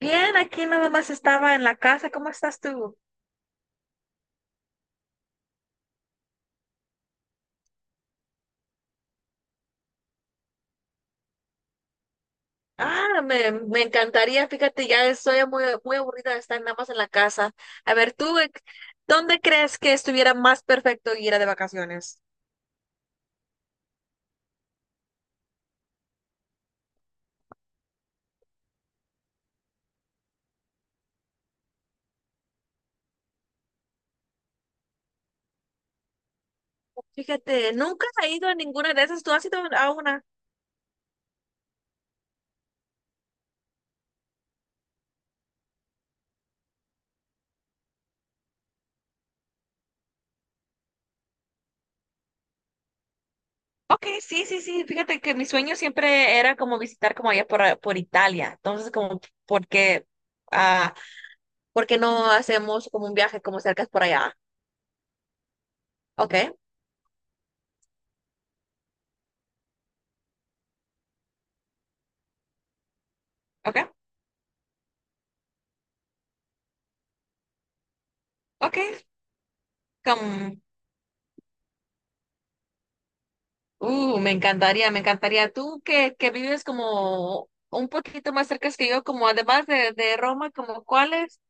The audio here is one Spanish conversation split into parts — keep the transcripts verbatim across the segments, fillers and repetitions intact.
Bien, aquí nada más estaba en la casa. ¿Cómo estás tú? Ah, me, me encantaría. Fíjate, ya estoy muy, muy aburrida de estar nada más en la casa. A ver, tú, eh, ¿dónde crees que estuviera más perfecto ir a de vacaciones? Fíjate, nunca he ido a ninguna de esas. ¿Tú has ido a una? Ok, sí, sí, sí. Fíjate que mi sueño siempre era como visitar como allá por, por Italia. Entonces, como, ¿por qué, ah, ¿por qué no hacemos como un viaje como cerca por allá? Ok, ok, ok. Como, Uh, me encantaría, me encantaría. Tú que, que vives como un poquito más cerca que yo, como además de, de Roma, como cuáles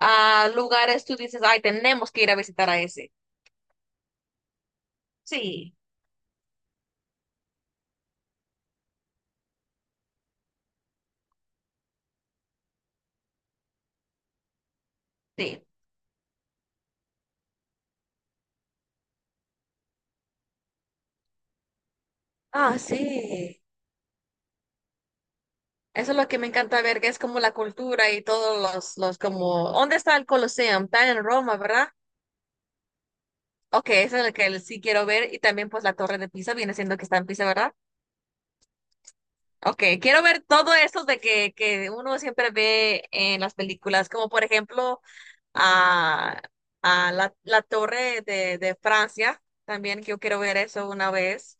ah, lugares tú dices, ay, tenemos que ir a visitar a ese. Sí, sí. Ah, sí. Eso es lo que me encanta ver, que es como la cultura y todos los, los como, ¿dónde está el Colosseum? Está en Roma, ¿verdad? Ok, eso es lo que sí quiero ver y también pues la Torre de Pisa viene siendo que está en Pisa, ¿verdad? Ok, quiero ver todo eso de que, que uno siempre ve en las películas, como por ejemplo a, a la, la Torre de, de Francia, también que yo quiero ver eso una vez.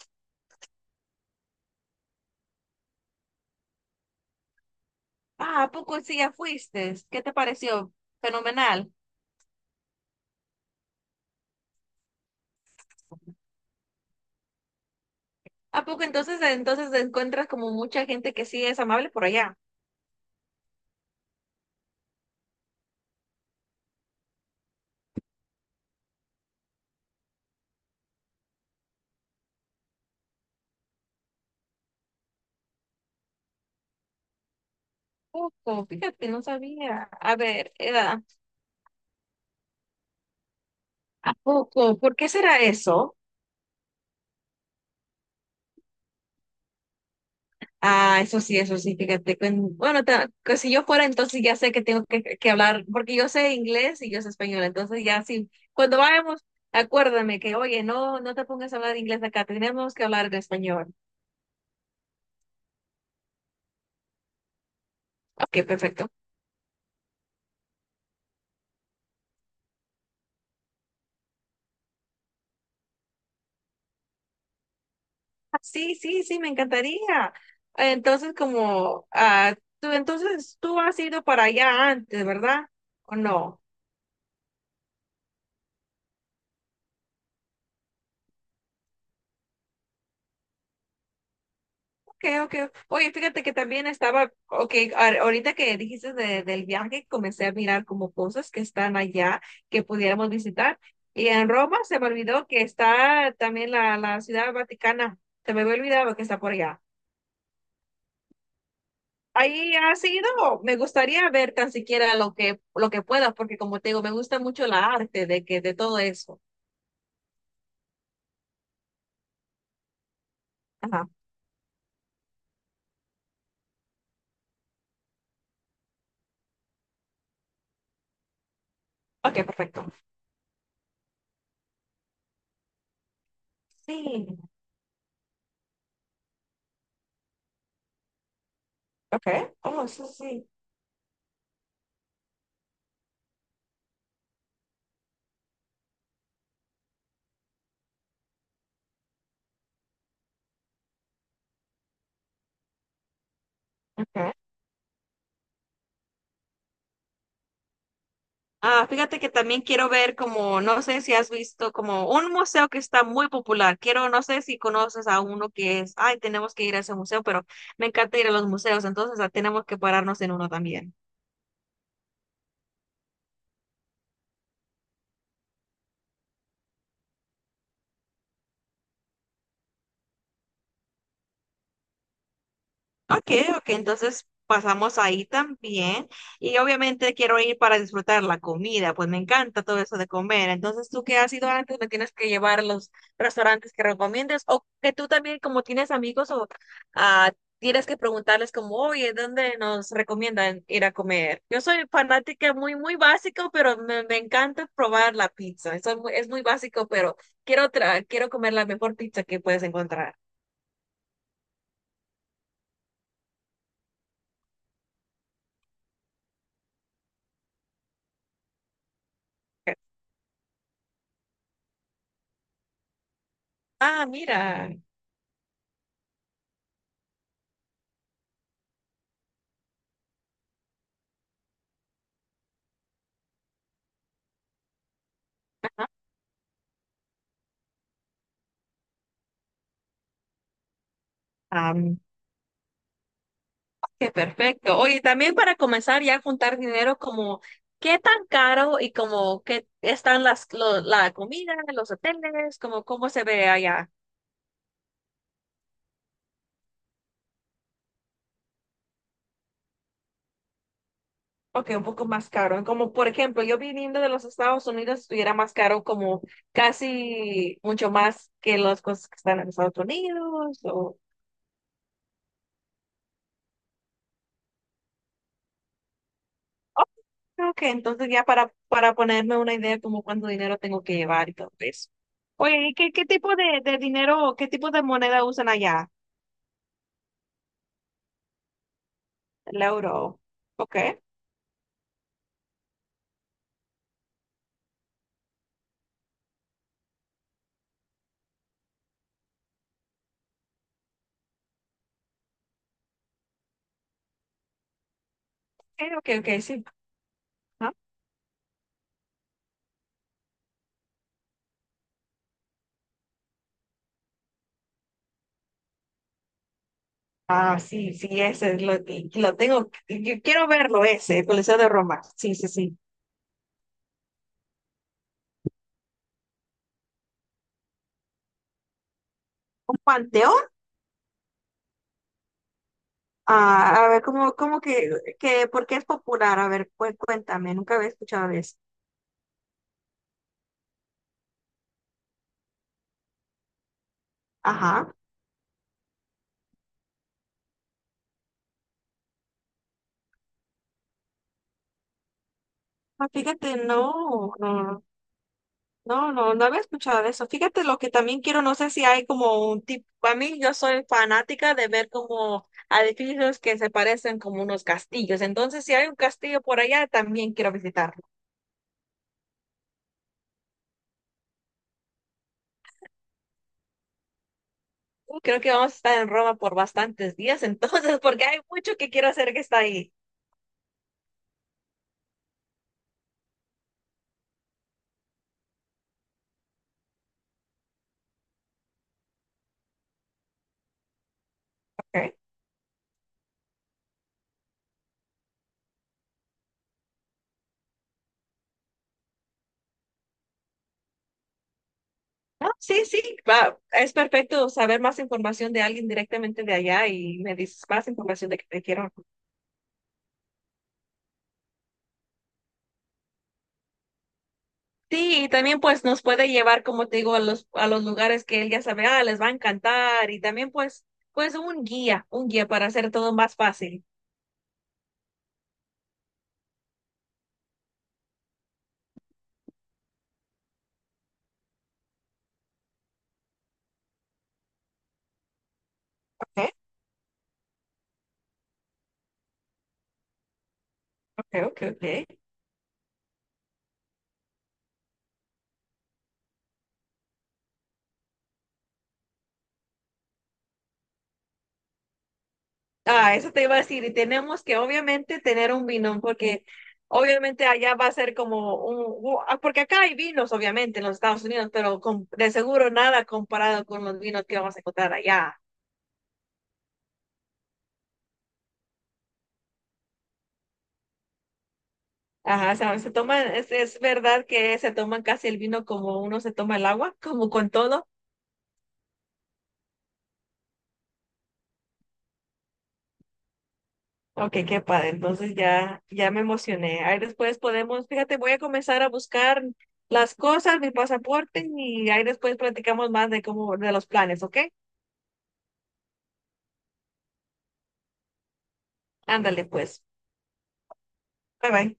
Ah, ¿a poco sí ya fuiste? ¿Qué te pareció? Fenomenal. ¿A poco entonces, entonces encuentras como mucha gente que sí es amable por allá? Poco, fíjate, no sabía. A ver, era, ¿a poco? ¿Por qué será eso? Ah, eso sí, eso sí, fíjate. con- Bueno, ta- que si yo fuera, entonces ya sé que tengo que, que hablar, porque yo sé inglés y yo sé español, entonces ya sí, cuando vayamos, acuérdame que, oye, no, no te pongas a hablar inglés acá, tenemos que hablar en español. Ok, perfecto. Ah, sí, sí, sí, me encantaría. Entonces, como, ah, tú, entonces tú has ido para allá antes, ¿verdad? ¿O no? Okay, okay. Oye, fíjate que también estaba, okay, a- ahorita que dijiste de- del viaje, comencé a mirar como cosas que están allá que pudiéramos visitar. Y en Roma se me olvidó que está también la, la Ciudad Vaticana. Se me había olvidado que está por allá. Ahí ha sido, me gustaría ver tan siquiera lo que, lo que pueda, porque como te digo, me gusta mucho la arte de que, de todo eso. Ajá. Okay, perfecto. Sí. Okay. Oh, sí, sí. Ok. Ah, fíjate que también quiero ver como, no sé si has visto como un museo que está muy popular. Quiero, no sé si conoces a uno que es, ay, tenemos que ir a ese museo, pero me encanta ir a los museos, entonces ah, tenemos que pararnos en uno también. Ok, ok, entonces pasamos ahí también. Y obviamente quiero ir para disfrutar la comida, pues me encanta todo eso de comer. Entonces, tú que has ido antes, me tienes que llevar a los restaurantes que recomiendes o que tú también, como tienes amigos, o ah, tienes que preguntarles como, oye, ¿dónde nos recomiendan ir a comer? Yo soy fanática muy, muy básico, pero me, me encanta probar la pizza. Eso es muy, es muy básico, pero quiero, tra- quiero comer la mejor pizza que puedes encontrar. Ah, mira. Qué perfecto. Oye, también para comenzar ya a juntar dinero, como qué tan caro y como qué están las lo- la comida, los hoteles, como cómo se ve allá. Ok, un poco más caro. Como por ejemplo, yo viniendo de los Estados Unidos, estuviera más caro como casi mucho más que las cosas que están en Estados Unidos. O… Ok, entonces ya para, para ponerme una idea como cuánto dinero tengo que llevar y todo eso. Oye, ¿y qué, qué tipo de, de dinero, qué tipo de moneda usan allá? El euro. Ok, sí, ok, ok, sí. Ajá. Ah, sí, sí, ese es lo, lo tengo. Yo quiero verlo ese, el Coliseo de Roma. Sí, sí, sí. ¿Un panteón? Ah, a ver, ¿cómo, cómo que, que, por qué es popular? A ver, cué- cuéntame, nunca había escuchado de eso. Ajá. Ah, fíjate, no, no. No, no, no había escuchado de eso. Fíjate lo que también quiero, no sé si hay como un tipo. Para mí yo soy fanática de ver como edificios que se parecen como unos castillos. Entonces, si hay un castillo por allá, también quiero visitarlo. Creo que vamos a estar en Roma por bastantes días, entonces, porque hay mucho que quiero hacer que está ahí. Okay. No, sí, sí, va, es perfecto saber más información de alguien directamente de allá y me dices más información de que te quiero. Sí, y también pues nos puede llevar, como te digo, a los, a los lugares que él ya sabe, ah, les va a encantar y también pues, pues un guía, un guía para hacer todo más fácil. Ok, ok, ok, ok. Ah, eso te iba a decir, y tenemos que obviamente tener un vino, porque obviamente allá va a ser como un, u- ah, porque acá hay vinos, obviamente, en los Estados Unidos, pero con- de seguro nada comparado con los vinos que vamos a encontrar allá. Ajá, o sea, se toman, es, es verdad que se toman casi el vino como uno se toma el agua, como con todo. Ok, qué padre. Entonces ya, ya me emocioné. Ahí después podemos, fíjate, voy a comenzar a buscar las cosas, mi pasaporte, y ahí después platicamos más de cómo, de los planes, ¿ok? Ándale, pues. Bye bye.